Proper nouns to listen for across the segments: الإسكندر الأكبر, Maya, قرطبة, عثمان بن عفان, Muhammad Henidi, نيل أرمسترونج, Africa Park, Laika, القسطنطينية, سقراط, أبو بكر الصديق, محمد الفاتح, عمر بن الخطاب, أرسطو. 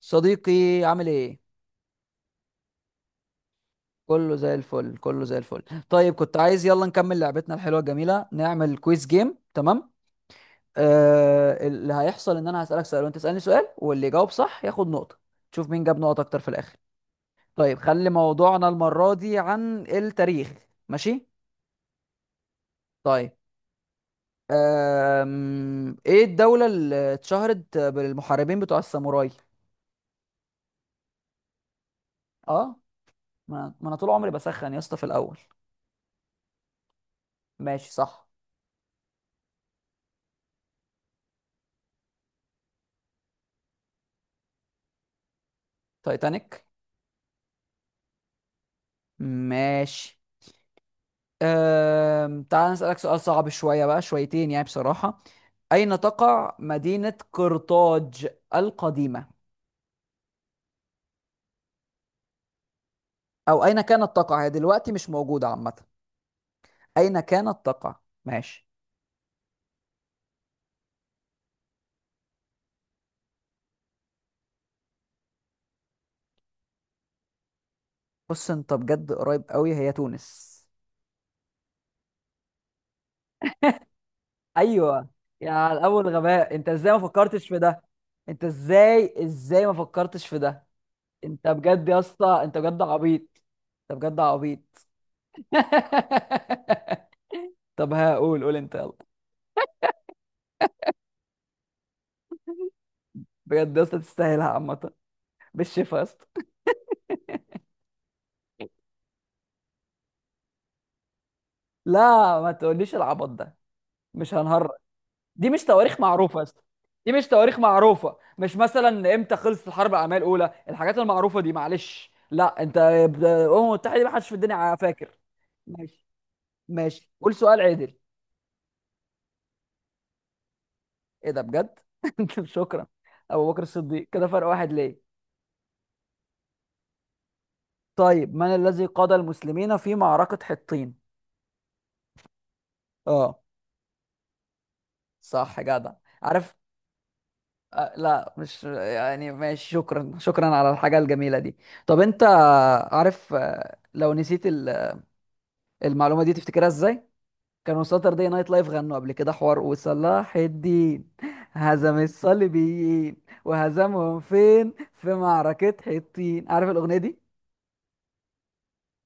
صديقي، عامل ايه؟ كله زي الفل، كله زي الفل. طيب، كنت عايز، يلا نكمل لعبتنا الحلوه الجميله، نعمل كويز جيم، تمام. آه، اللي هيحصل ان انا هسالك سؤال، وانت تسالني سؤال، واللي يجاوب صح ياخد نقطه. تشوف مين جاب نقط اكتر في الاخر. طيب خلي موضوعنا المره دي عن التاريخ. ماشي. طيب، ايه الدوله اللي اتشهرت بالمحاربين بتوع الساموراي؟ اه. ما انا طول عمري بسخن يا اسطى في الاول. ماشي، صح. تايتانيك. ماشي. تعال نسألك سؤال صعب شوية، بقى شويتين يعني، بصراحة. أين تقع مدينة قرطاج القديمة؟ أو أين كانت تقع، هي دلوقتي مش موجودة عامة. أين كانت تقع؟ ماشي. بص، أنت بجد قريب قوي، هي تونس. أيوة. يا على الأول غباء، أنت إزاي ما فكرتش في ده؟ أنت إزاي ما فكرتش في ده؟ أنت بجد يا اسطى، أنت بجد عبيط. أنت بجد عبيط. طب، هقول قول أنت، يلا. بجد يا اسطى تستاهلها عامة. بالشفا يا اسطى. لا، ما تقوليش العبط ده. مش هنهرج. دي مش تواريخ معروفة يا اسطى. دي مش تواريخ معروفة، مش مثلا امتى خلصت الحرب العالمية الأولى؟ الحاجات المعروفة دي معلش. لا انت الأمم المتحدة دي ما حدش في الدنيا فاكر. ماشي. ماشي، قول سؤال عدل. ايه ده بجد! شكرا. أبو بكر الصديق، كده فرق واحد ليه. طيب، من الذي قاد المسلمين في معركة حطين؟ اه. صح جدع. عارف. لا مش يعني، ماشي، شكرا، شكرا على الحاجة الجميلة دي. طب انت عارف، لو نسيت المعلومة دي تفتكرها ازاي؟ كانوا ساتردي نايت لايف غنوا قبل كده حوار، وصلاح الدين هزم الصليبيين. وهزمهم فين؟ في معركة حطين، عارف الأغنية دي؟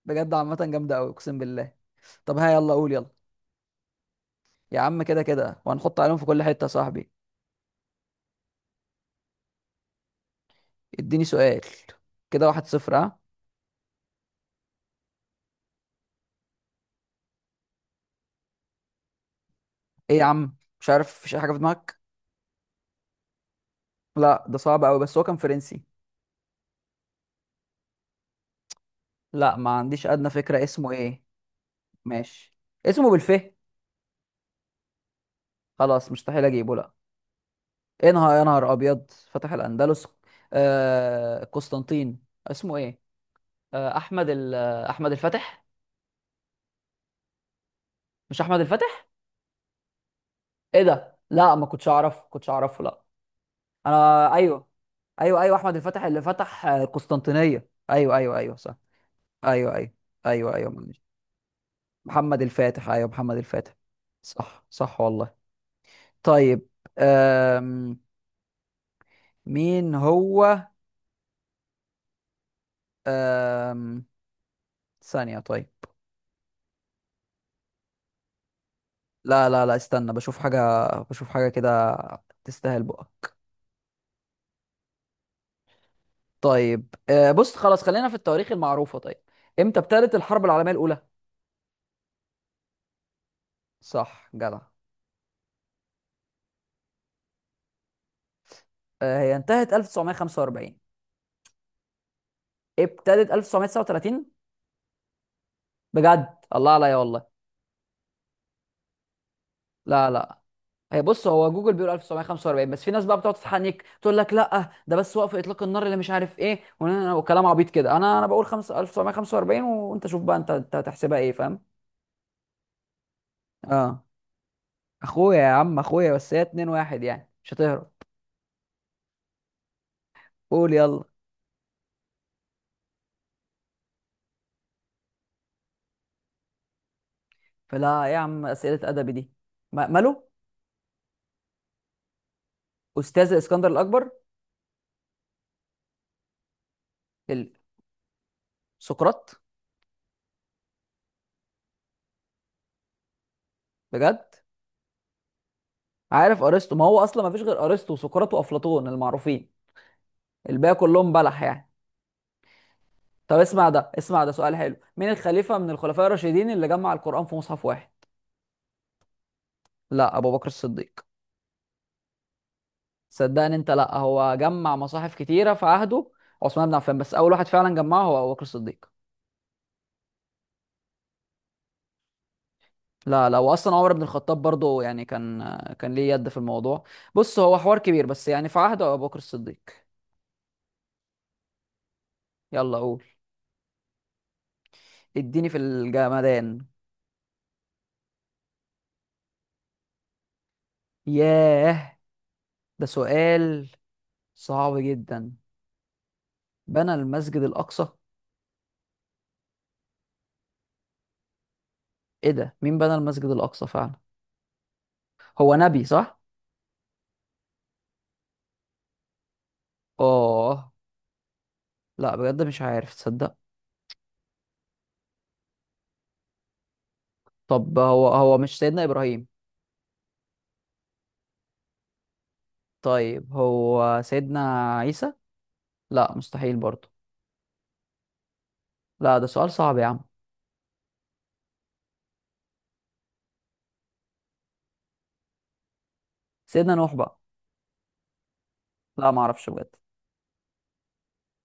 بجد عامة جامدة أوي، أقسم بالله. طب ها، يلا قول، يلا. يا عم كده كده وهنحط عليهم في كل حتة يا صاحبي. اديني سؤال. كده، 1-0، ها؟ ايه يا عم، مش عارف؟ مفيش أي حاجة في دماغك؟ لا، ده صعب قوي، بس هو كان فرنسي. لا، ما عنديش ادنى فكرة اسمه ايه. ماشي. اسمه بالف. خلاص مستحيل اجيبه، لا. ايه نهار يا نهار ابيض! فتح الاندلس. آه، قسطنطين. اسمه ايه؟ آه احمد ال- آه، احمد الفاتح. مش احمد الفاتح؟ ايه ده! لا ما كنتش اعرف، كنتش اعرفه، لا. انا ايوه. ايوه، ايوه، احمد الفاتح اللي فتح القسطنطينية، ايوه، ايوه، ايوه، صح. ايوه، ايوه. ايوه، ايوه، معلش. محمد الفاتح، ايوه محمد الفاتح. صح، صح والله. طيب. أم... مين هو. أم... ثانية، طيب. لا، لا، لا، استنى بشوف حاجة، بشوف حاجة كده. تستاهل بقك. طيب، بص خلاص خلينا في التواريخ المعروفة، طيب. امتى ابتدت الحرب العالمية الأولى؟ صح جدع. هي انتهت 1945. ابتدت 1939. بجد، الله عليا والله. لا، لا، هي بص، هو جوجل بيقول 1945، بس في ناس بقى بتقعد تتحنك تقول لك لا، ده بس وقف اطلاق النار اللي مش عارف ايه، وكلام عبيط كده. انا بقول 5 1945، وانت شوف بقى، انت هتحسبها ايه، فاهم؟ اه. اخويا يا عم، اخويا بس، هي 2-1 يعني، مش هتهرب. قول يلا. فلا إيه يا عم، اسئله ادبي دي. ماله. استاذ الاسكندر الاكبر. ال- سقراط. بجد. عارف ارسطو، ما هو اصلا ما فيش غير ارسطو وسقراط وافلاطون المعروفين. الباقي كلهم بلح يعني. طب اسمع ده، اسمع ده، سؤال حلو، مين الخليفة من الخلفاء الراشدين اللي جمع القرآن في مصحف واحد؟ لا، أبو بكر الصديق. صدقني انت، لا هو جمع مصاحف كتيرة في عهده عثمان بن عفان، بس أول واحد فعلا جمعه هو أبو بكر الصديق. لا، لا، وأصلا عمر بن الخطاب برضه يعني كان، كان ليه يد في الموضوع. بص هو حوار كبير بس يعني، في عهده أبو بكر الصديق. يلا قول. اديني في الجمدان. ياه، ده سؤال صعب جدا. بنى المسجد الأقصى. ايه ده، مين بنى المسجد الأقصى فعلا؟ هو نبي، صح؟ اه. لا بجد مش عارف، تصدق. طب، هو مش سيدنا ابراهيم؟ طيب، هو سيدنا عيسى؟ لا مستحيل برضه. لا، ده سؤال صعب يا عم. سيدنا نوح بقى؟ لا ما اعرفش بجد.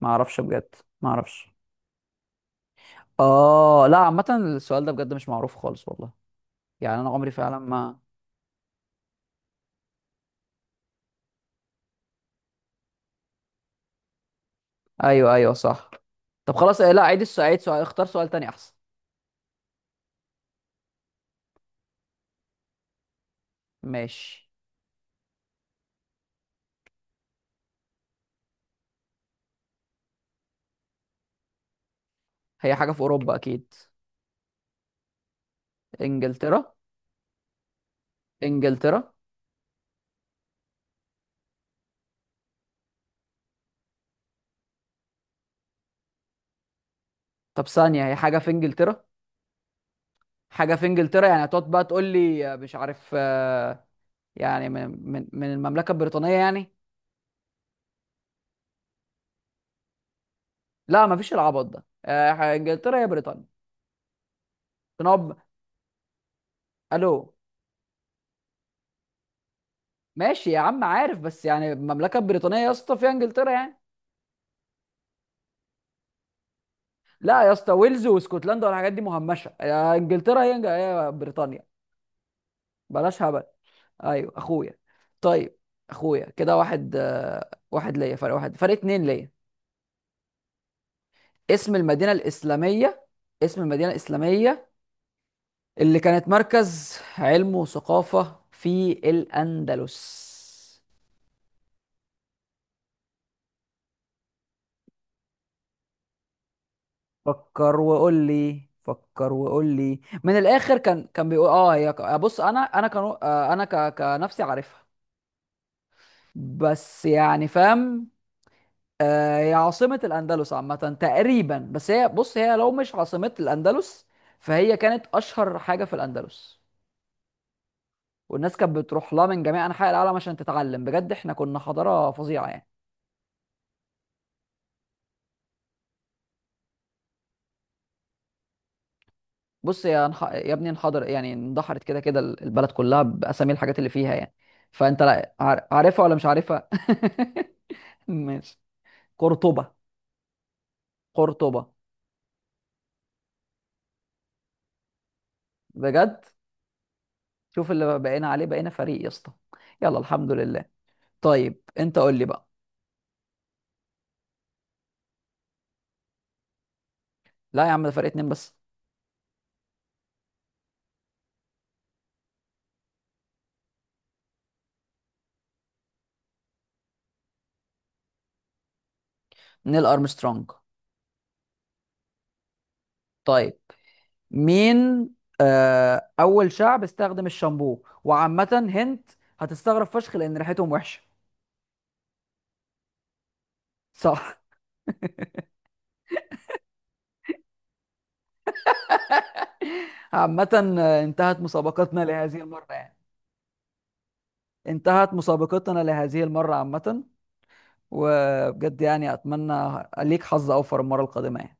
ما اعرفش بجد. ما اعرفش. اه، لا عامه السؤال ده بجد مش معروف خالص والله. يعني انا عمري فعلا ما... ايوه، ايوه، صح. طب خلاص. إيه، لا عيد السؤال، عيد سؤال، اختار سؤال تاني احسن. ماشي. هي حاجه في اوروبا اكيد. انجلترا. انجلترا. طب ثانيه، هي حاجه في انجلترا. حاجه في انجلترا يعني، هتقعد بقى تقول لي مش عارف يعني من المملكه البريطانيه يعني. لا مفيش العبط ده، انجلترا هي بريطانيا. نوب. الو. ماشي يا عم، عارف، بس يعني المملكه البريطانيه يا اسطى فيها انجلترا يعني. لا يا اسطى، ويلز واسكتلندا والحاجات دي مهمشه، انجلترا هي بريطانيا. بلاش هبل. ايوه اخويا. طيب. اخويا، كده واحد، واحد ليا، فرق واحد، فرق اتنين ليا. اسم المدينه الاسلاميه. اسم المدينه الاسلاميه اللي كانت مركز علم وثقافة في الأندلس. فكر وقول لي، فكر وقول لي، من الآخر كان بيقول اه، هي بص، أنا كان، أنا كنفسي عارفها. بس يعني، فاهم. هي عاصمة الأندلس عامة، تقريبا. بس هي بص، هي لو مش عاصمة الأندلس، فهي كانت أشهر حاجة في الأندلس. والناس كانت بتروح لها من جميع أنحاء العالم عشان تتعلم، بجد احنا كنا حضارة فظيعة يعني. بص يا يا ابني، انحدر يعني اندحرت كده كده، البلد كلها باسامي الحاجات اللي فيها يعني. فانت عارفها ولا مش عارفها. ماشي. قرطبة. قرطبة. بجد؟ شوف اللي بقينا عليه، بقينا فريق يا اسطى. يلا، الحمد لله. طيب، انت قول لي بقى. لا يا عم، ده فريق اتنين بس. نيل ارمسترونج. طيب. مين... اول شعب استخدم الشامبو، وعامة هنت هتستغرب فشخ لان ريحتهم وحشة. صح. عامة انتهت مسابقتنا لهذه المرة يعني. انتهت مسابقتنا لهذه المرة عامة. وبجد يعني، أتمنى ليك حظ أوفر المرة القادمة يعني.